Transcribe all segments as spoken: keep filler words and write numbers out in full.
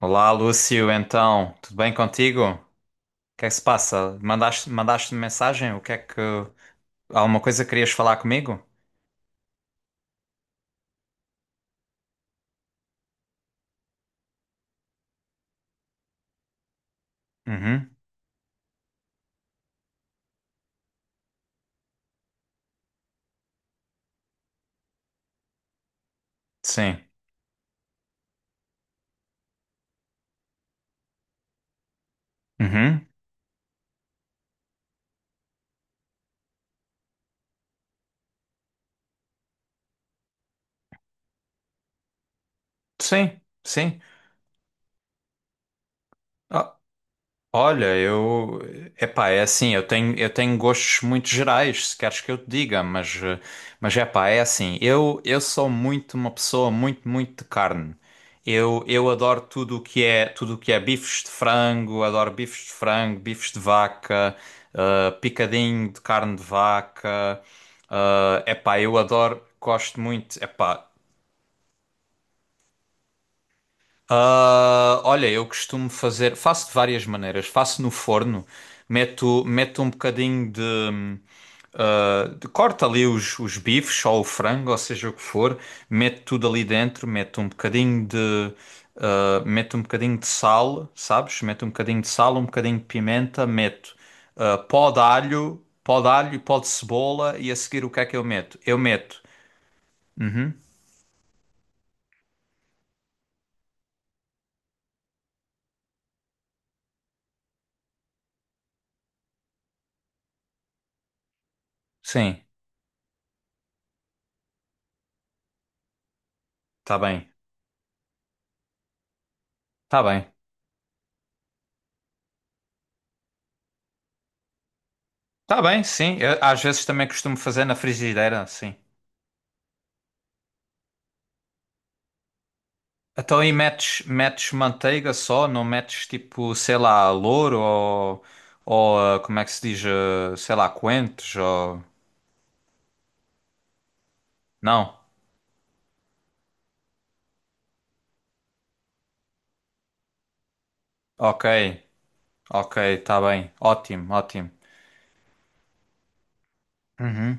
Olá, Lúcio, então, tudo bem contigo? O que é que se passa? Mandaste, mandaste-me mensagem? O que é que... Alguma coisa que querias falar comigo? Uhum, sim. Uhum, sim, sim. Ah, Olha, eu. Epá, é assim, eu tenho, eu tenho gostos muito gerais, se queres que eu te diga, mas, eh, mas epá, é assim, eu, eu sou muito uma pessoa muito, muito de carne. Eu, eu adoro tudo o que é, tudo o que é bifes de frango, adoro bifes de frango, bifes de vaca, eh, picadinho de carne de vaca. Eh, epá, eu adoro, gosto muito, epá. Ah, olha, eu costumo fazer, faço de várias maneiras. Faço no forno, meto, meto um bocadinho de, ah, de- corto ali os, os bifes ou o frango, ou seja o que for, meto tudo ali dentro, meto um bocadinho de, ah, meto um bocadinho de sal, sabes? Meto um bocadinho de sal, um bocadinho de pimenta, meto ah, pó de alho, pó de alho e pó de cebola e a seguir o que é que eu meto? Eu meto, uhum, sim, tá bem, tá bem. Tá bem, sim. Eu, às vezes também costumo fazer na frigideira, sim. Então aí metes, metes manteiga só, não metes tipo, sei lá, louro ou, ou ah, como é que se diz, ah, sei lá, coentros ou... Não? Ok, ok, tá bem. Ótimo, ótimo. Uhum,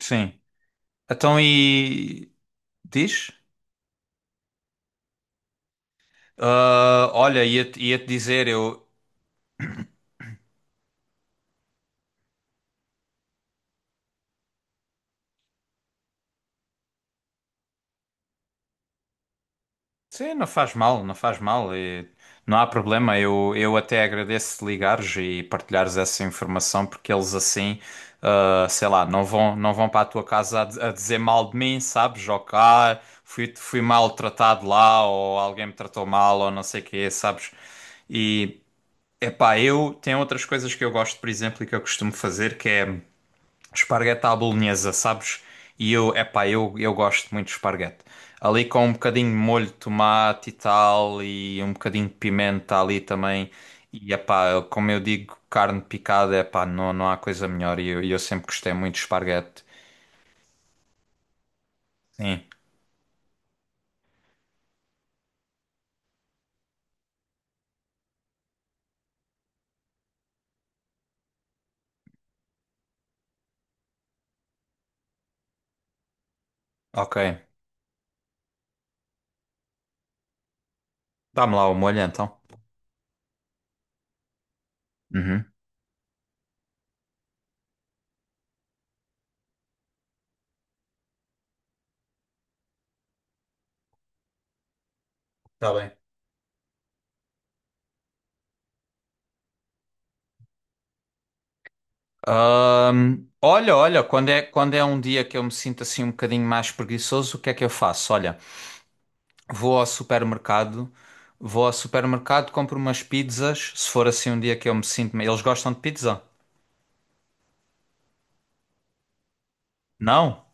sim. Então e... Diz? Ah, olha, ia-te ia-te dizer, eu, sim, não faz mal, não faz mal. E não há problema. Eu, eu até agradeço de ligares e partilhares essa informação, porque eles assim, ah, sei lá, não vão, não vão para a tua casa a, di- a dizer mal de mim, sabes? Ou que, ah, fui, fui maltratado lá, ou alguém me tratou mal, ou não sei o quê, sabes? E, epá, eu tenho outras coisas que eu gosto, por exemplo, e que eu costumo fazer, que é. Esparguete à bolonhesa, sabes? E eu, epá, eu, eu gosto muito de esparguete. Ali com um bocadinho de molho de tomate e tal, e um bocadinho de pimenta ali também. E epá, como eu digo, carne picada, epá, não, não há coisa melhor. E eu, e eu sempre gostei muito de esparguete. Sim, ok. Dá-me lá o molho então. Uhum. Está bem. Ahm, olha, olha, quando é, quando é um dia que eu me sinto assim um bocadinho mais preguiçoso, o que é que eu faço? Olha. Vou ao supermercado, vou ao supermercado, compro umas pizzas, se for assim um dia que eu me sinto, me- eles gostam de pizza? Não?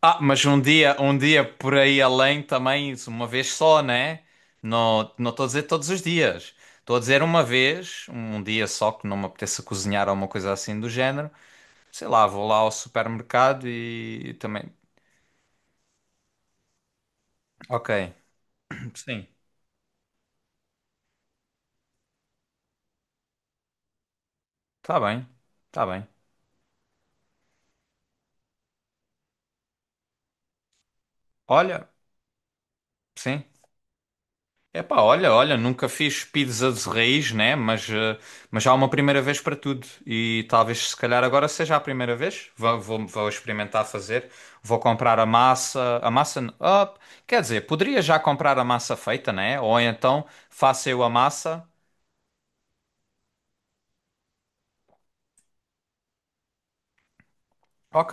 Ah, mas um dia, um dia por aí além também, isso, uma vez só, né? Não, não estou a dizer todos os dias. Estou a dizer uma vez, um dia só que não me apeteça cozinhar ou uma coisa assim do género. Sei lá, vou lá ao supermercado e também. Ok, sim, está bem, está bem. Olha, sim. Epá, olha, olha, nunca fiz pizza de raiz, né? Mas, eh, mas há uma primeira vez para tudo. E talvez, se calhar, agora seja a primeira vez. Vou, vou, vou experimentar fazer. Vou comprar a massa. A massa. N- ah, quer dizer, poderia já comprar a massa feita, né? Ou então faço eu a massa. Ok,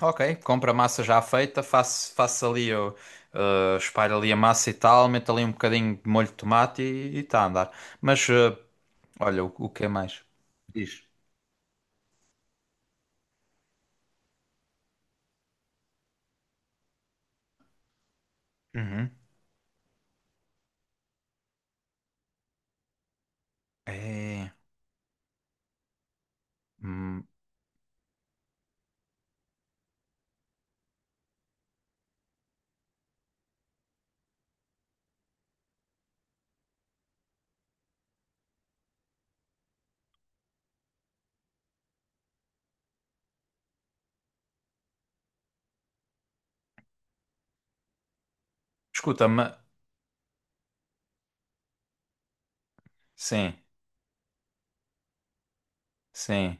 ok. Compro a massa já feita. Faço, faço ali, eu, eh, espalho ali a massa e tal. Meto ali um bocadinho de molho de tomate e está a andar. Mas, eh, olha, o, o que é mais? Diz. Uhum. É, hum, escuta, ma... sim, sim.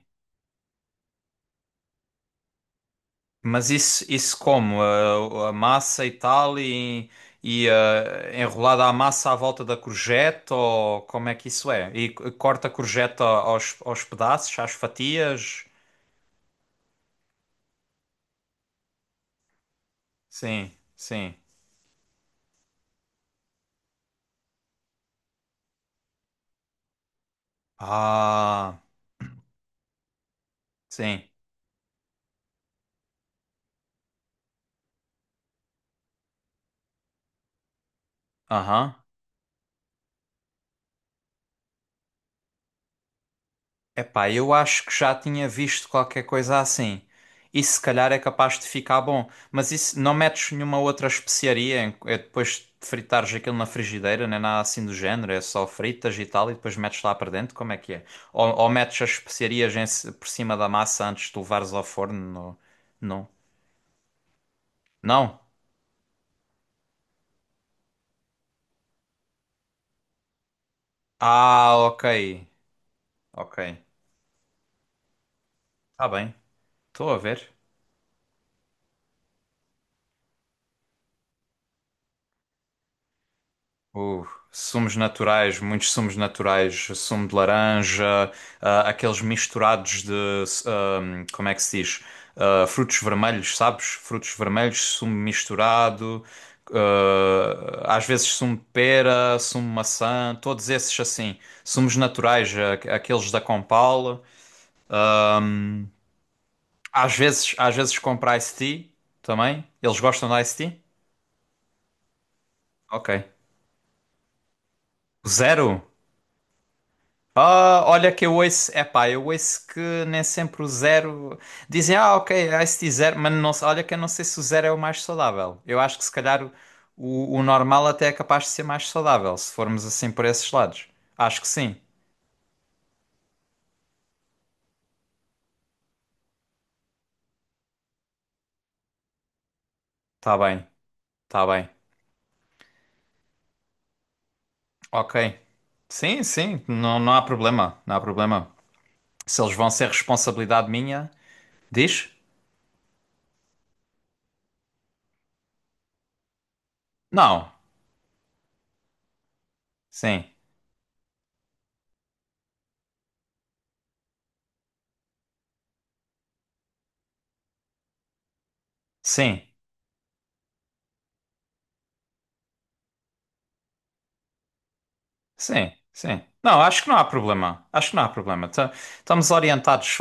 Mas isso, isso como? A, a massa e tal, e, e ah, enrolada a massa à volta da courgette, ou como é que isso é? E c- corta a courgette a- aos, aos pedaços, às fatias? Sim, sim. Ah, sim. Aham. Epá, eu acho que já tinha visto qualquer coisa assim. Isso se calhar é capaz de ficar bom, mas isso não metes nenhuma outra especiaria em- é depois de fritares aquilo na frigideira, nem nada assim do género, é só fritas e tal e depois metes lá para dentro, como é que é? Ou, ou metes as especiarias em ci- por cima da massa antes de levares ao forno? No- Não. Não? Ah, ok. Ok. Está bem. Estou a ver. Uh, sumos naturais, muitos sumos naturais, sumo de laranja, ah, aqueles misturados de, ahm, como é que se diz? Ah, frutos vermelhos, sabes? Frutos vermelhos, sumo misturado, ah, às vezes sumo de pera, sumo de maçã, todos esses assim, sumos naturais, ah, aqueles da Compal. Às vezes, às vezes compro iced tea também. Eles gostam de iced tea? Ok. Zero? Ah, olha que eu ouço, epá, eu ouço que nem sempre o zero. Dizem, ah, ok, I C T zero, mas não, se- olha que eu não sei se o zero é o mais saudável. Eu acho que se calhar o, o o normal até é capaz de ser mais saudável, se formos assim por esses lados. Acho que sim. Tá bem, tá bem. Ok. Sim, sim, não, não há problema, não há problema. Se eles vão ser responsabilidade minha, diz? Não. Sim, sim. Sim, sim. Não, acho que não há problema. Acho que não há problema. Ta- Estamos orientados.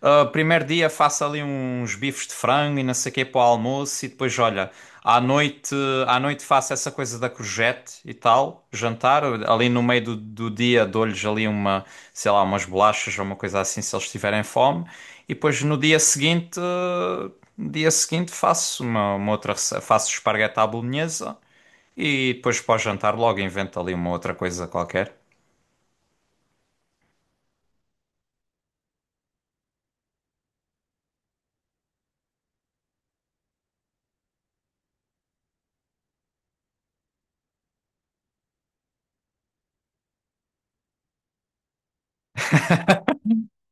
Ah, ah, primeiro dia faço ali uns bifes de frango e não sei o quê para o almoço e depois, olha, à noite, à noite faço essa coisa da courgette e tal, jantar. Ali no meio do, do dia dou-lhes ali uma, sei lá, umas bolachas ou uma coisa assim se eles tiverem fome. E depois no dia seguinte, ah, no dia seguinte faço uma, uma outra rece- faço esparguete à bolonhesa. E depois para o jantar logo inventa ali uma outra coisa qualquer.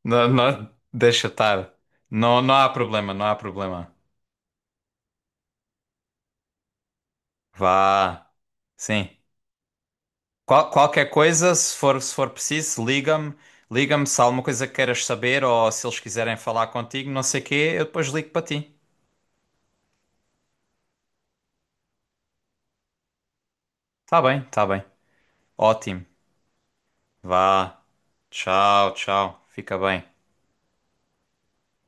Não, não, deixa estar. Não, não há problema, não há problema. Vá. Sim. Qual- qualquer coisa, se for, se for preciso, liga-me. Liga-me se há alguma coisa que queiras saber ou se eles quiserem falar contigo, não sei o quê, eu depois ligo para ti. Tá bem, tá bem. Ótimo. Vá. Tchau, tchau. Fica bem.